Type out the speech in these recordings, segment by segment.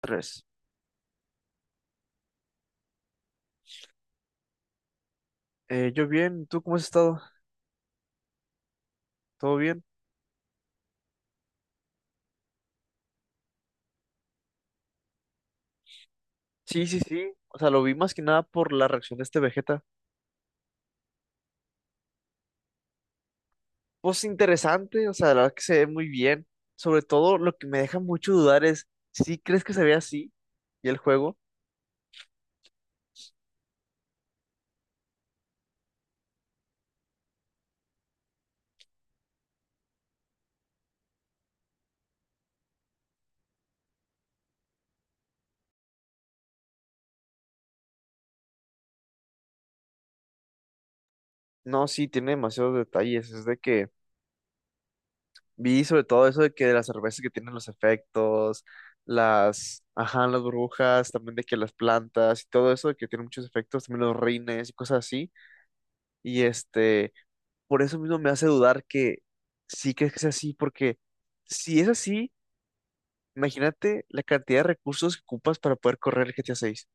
Tres. Yo bien, ¿tú cómo has estado? ¿Todo bien? Sí, sí, sí. O sea, lo vi más que nada por la reacción de este Vegeta. Pues interesante, o sea, la verdad que se ve muy bien. Sobre todo lo que me deja mucho dudar es, ¿sí crees que se ve así? ¿Y el juego? No, sí, tiene demasiados detalles. Es de que vi sobre todo eso de que de las cervezas que tienen los efectos, las, ajá, las burbujas, también de que las plantas y todo eso, de que tiene muchos efectos, también los rines y cosas así. Y este. Por eso mismo me hace dudar que sí crees que es así, porque si es así, imagínate la cantidad de recursos que ocupas para poder correr el GTA 6.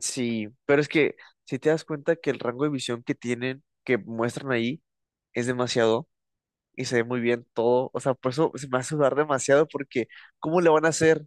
Sí, pero es que si te das cuenta que el rango de visión que tienen, que muestran ahí, es demasiado y se ve muy bien todo, o sea, por eso se me hace dudar demasiado porque ¿cómo le van a hacer?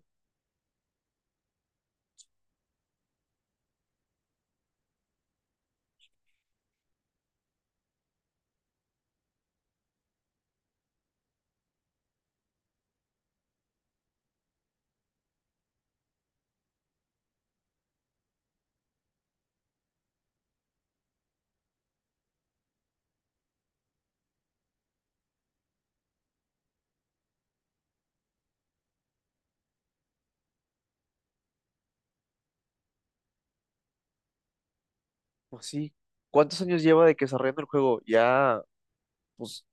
Pues sí, ¿cuántos años lleva de que desarrollando el juego? Ya, pues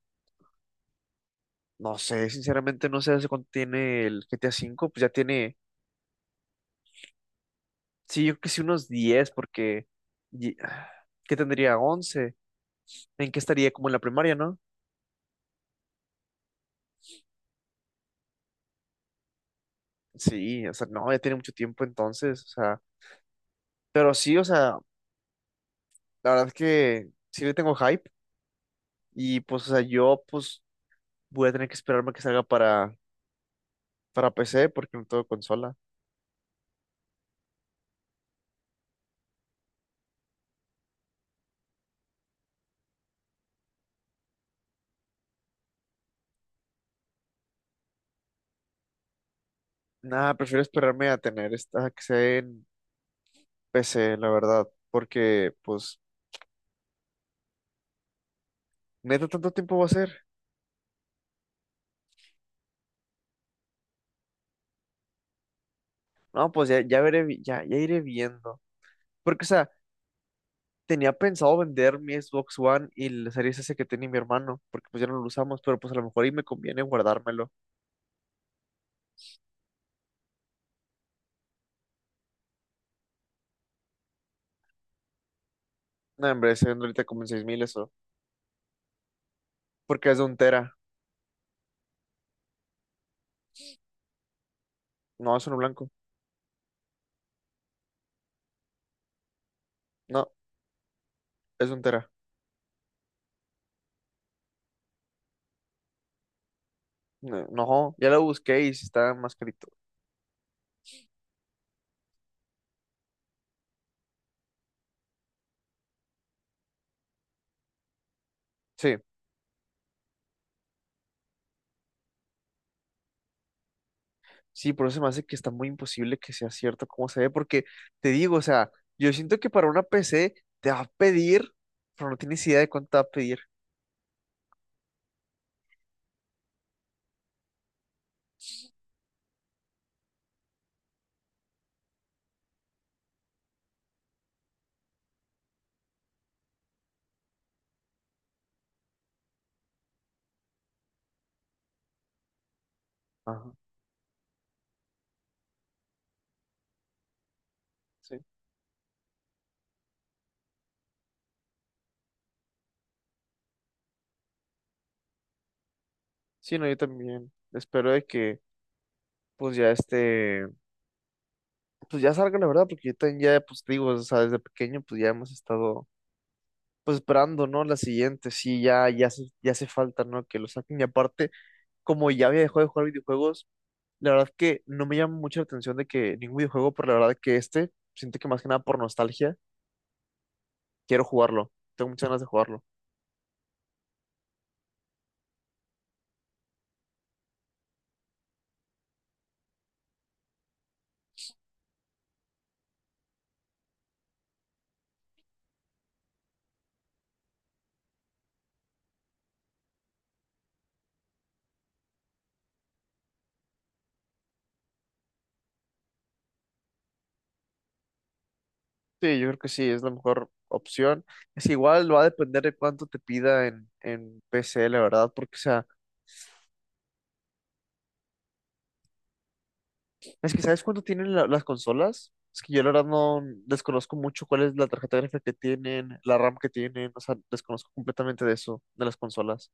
no sé, sinceramente no sé hace cuánto tiene el GTA 5, pues ya tiene. Sí, yo creo que sí unos 10 porque y- ¿qué tendría? 11. ¿En qué estaría? Como en la primaria, ¿no? Sí, o sea, no, ya tiene mucho tiempo entonces, o sea. Pero sí, o sea, la verdad es que sí le tengo hype y pues, o sea, yo pues voy a tener que esperarme a que salga para, PC porque no tengo consola. Nada, prefiero esperarme a tener esta que sea en PC, la verdad, porque pues neta tanto tiempo va a ser. No, pues ya, ya veré, ya, ya iré viendo. Porque, o sea, tenía pensado vender mi Xbox One y la Series S que tiene mi hermano, porque pues ya no lo usamos, pero pues a lo mejor y me conviene guardármelo. No, hombre, se vende ahorita como en 6,000 eso, porque es de un tera. No, es uno blanco. No, es de un tera. No, no, ya lo busqué y sí está más carito. Sí, sí, por eso se me hace que está muy imposible que sea cierto cómo se ve, porque te digo, o sea, yo siento que para una PC te va a pedir, pero no tienes idea de cuánto te va a pedir. Ajá, sí. Sí, no, yo también. Espero de que, pues ya este, pues ya salga la verdad, porque yo también ya, pues te digo, o sea, desde pequeño, pues ya hemos estado, pues esperando, ¿no? La siguiente, sí, ya, ya hace falta, ¿no? Que lo saquen. Y aparte, como ya había dejado de jugar videojuegos, la verdad que no me llama mucho la atención de que ningún videojuego, pero la verdad que este, siento que más que nada por nostalgia, quiero jugarlo. Tengo muchas ganas de jugarlo. Sí, yo creo que sí, es la mejor opción. Es igual, va a depender de cuánto te pida en PC, la verdad, porque, o sea, es que, ¿sabes cuánto tienen las consolas? Es que yo la verdad no desconozco mucho cuál es la tarjeta gráfica que tienen, la RAM que tienen, o sea, desconozco completamente de eso, de las consolas.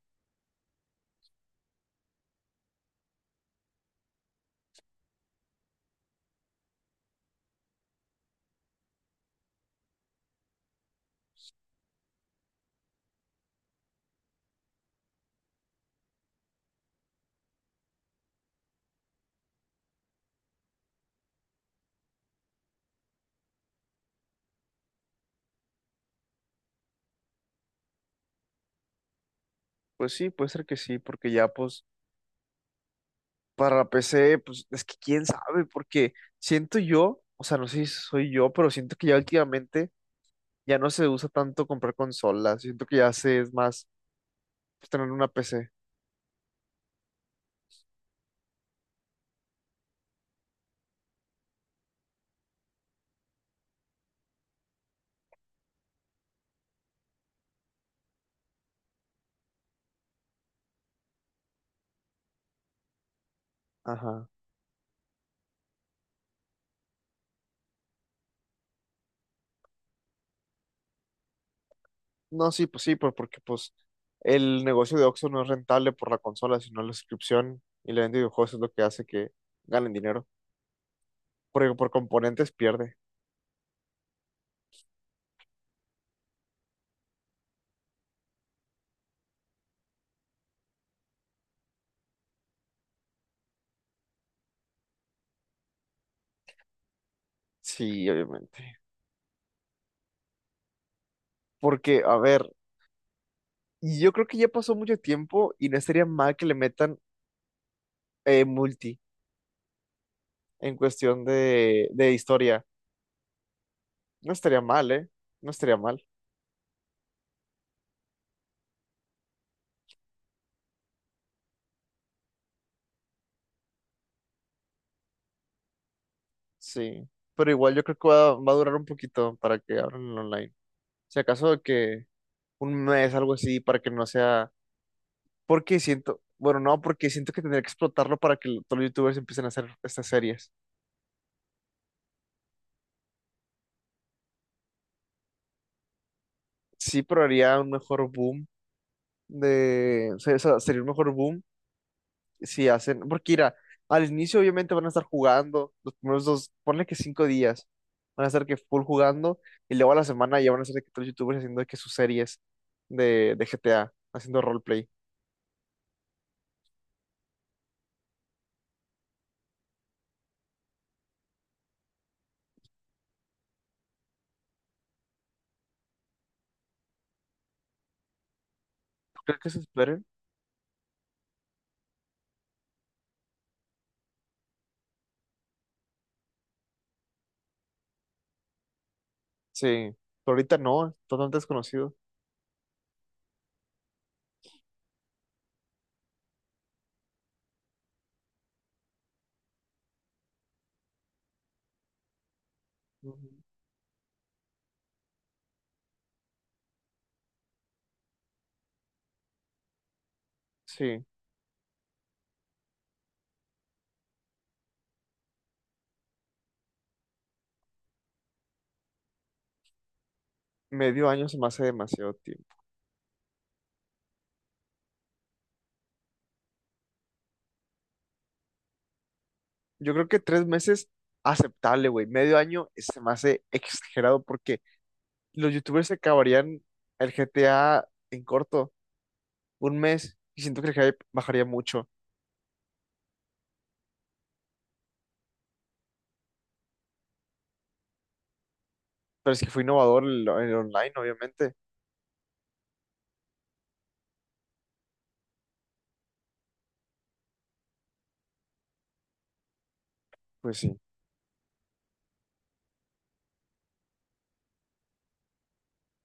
Pues sí, puede ser que sí, porque ya pues para la PC, pues es que quién sabe, porque siento yo, o sea, no sé si soy yo, pero siento que ya últimamente ya no se usa tanto comprar consolas, siento que ya se es más pues, tener una PC. Ajá. No, sí, pues porque pues el negocio de Oxxo no es rentable por la consola, sino la suscripción y la venta de videojuegos es lo que hace que ganen dinero. Porque por componentes pierde. Sí, obviamente. Porque, a ver, y yo creo que ya pasó mucho tiempo y no estaría mal que le metan multi en cuestión de historia. No estaría mal, ¿eh? No estaría mal, sí. Pero igual yo creo que va a durar un poquito para que abran el online. Si acaso que un mes, algo así, para que no sea. Porque siento, bueno, no, porque siento que tendría que explotarlo para que todos los youtubers empiecen a hacer estas series. Sí, pero haría un mejor boom de, o sea, sería un mejor boom si hacen, porque mira, al inicio obviamente van a estar jugando, los primeros dos, ponle que 5 días, van a estar que full jugando, y luego a la semana ya van a ser de que todos los youtubers haciendo de que sus series de GTA, haciendo roleplay. ¿Crees que se esperen? Sí, pero ahorita no, es totalmente desconocido. Ujú. Sí, medio año se me hace demasiado. Yo creo que 3 meses aceptable, güey. Medio año, se me hace exagerado porque los youtubers se acabarían el GTA en corto, un mes, y siento que el hype bajaría mucho. Pero es que fue innovador el online, obviamente. Pues sí.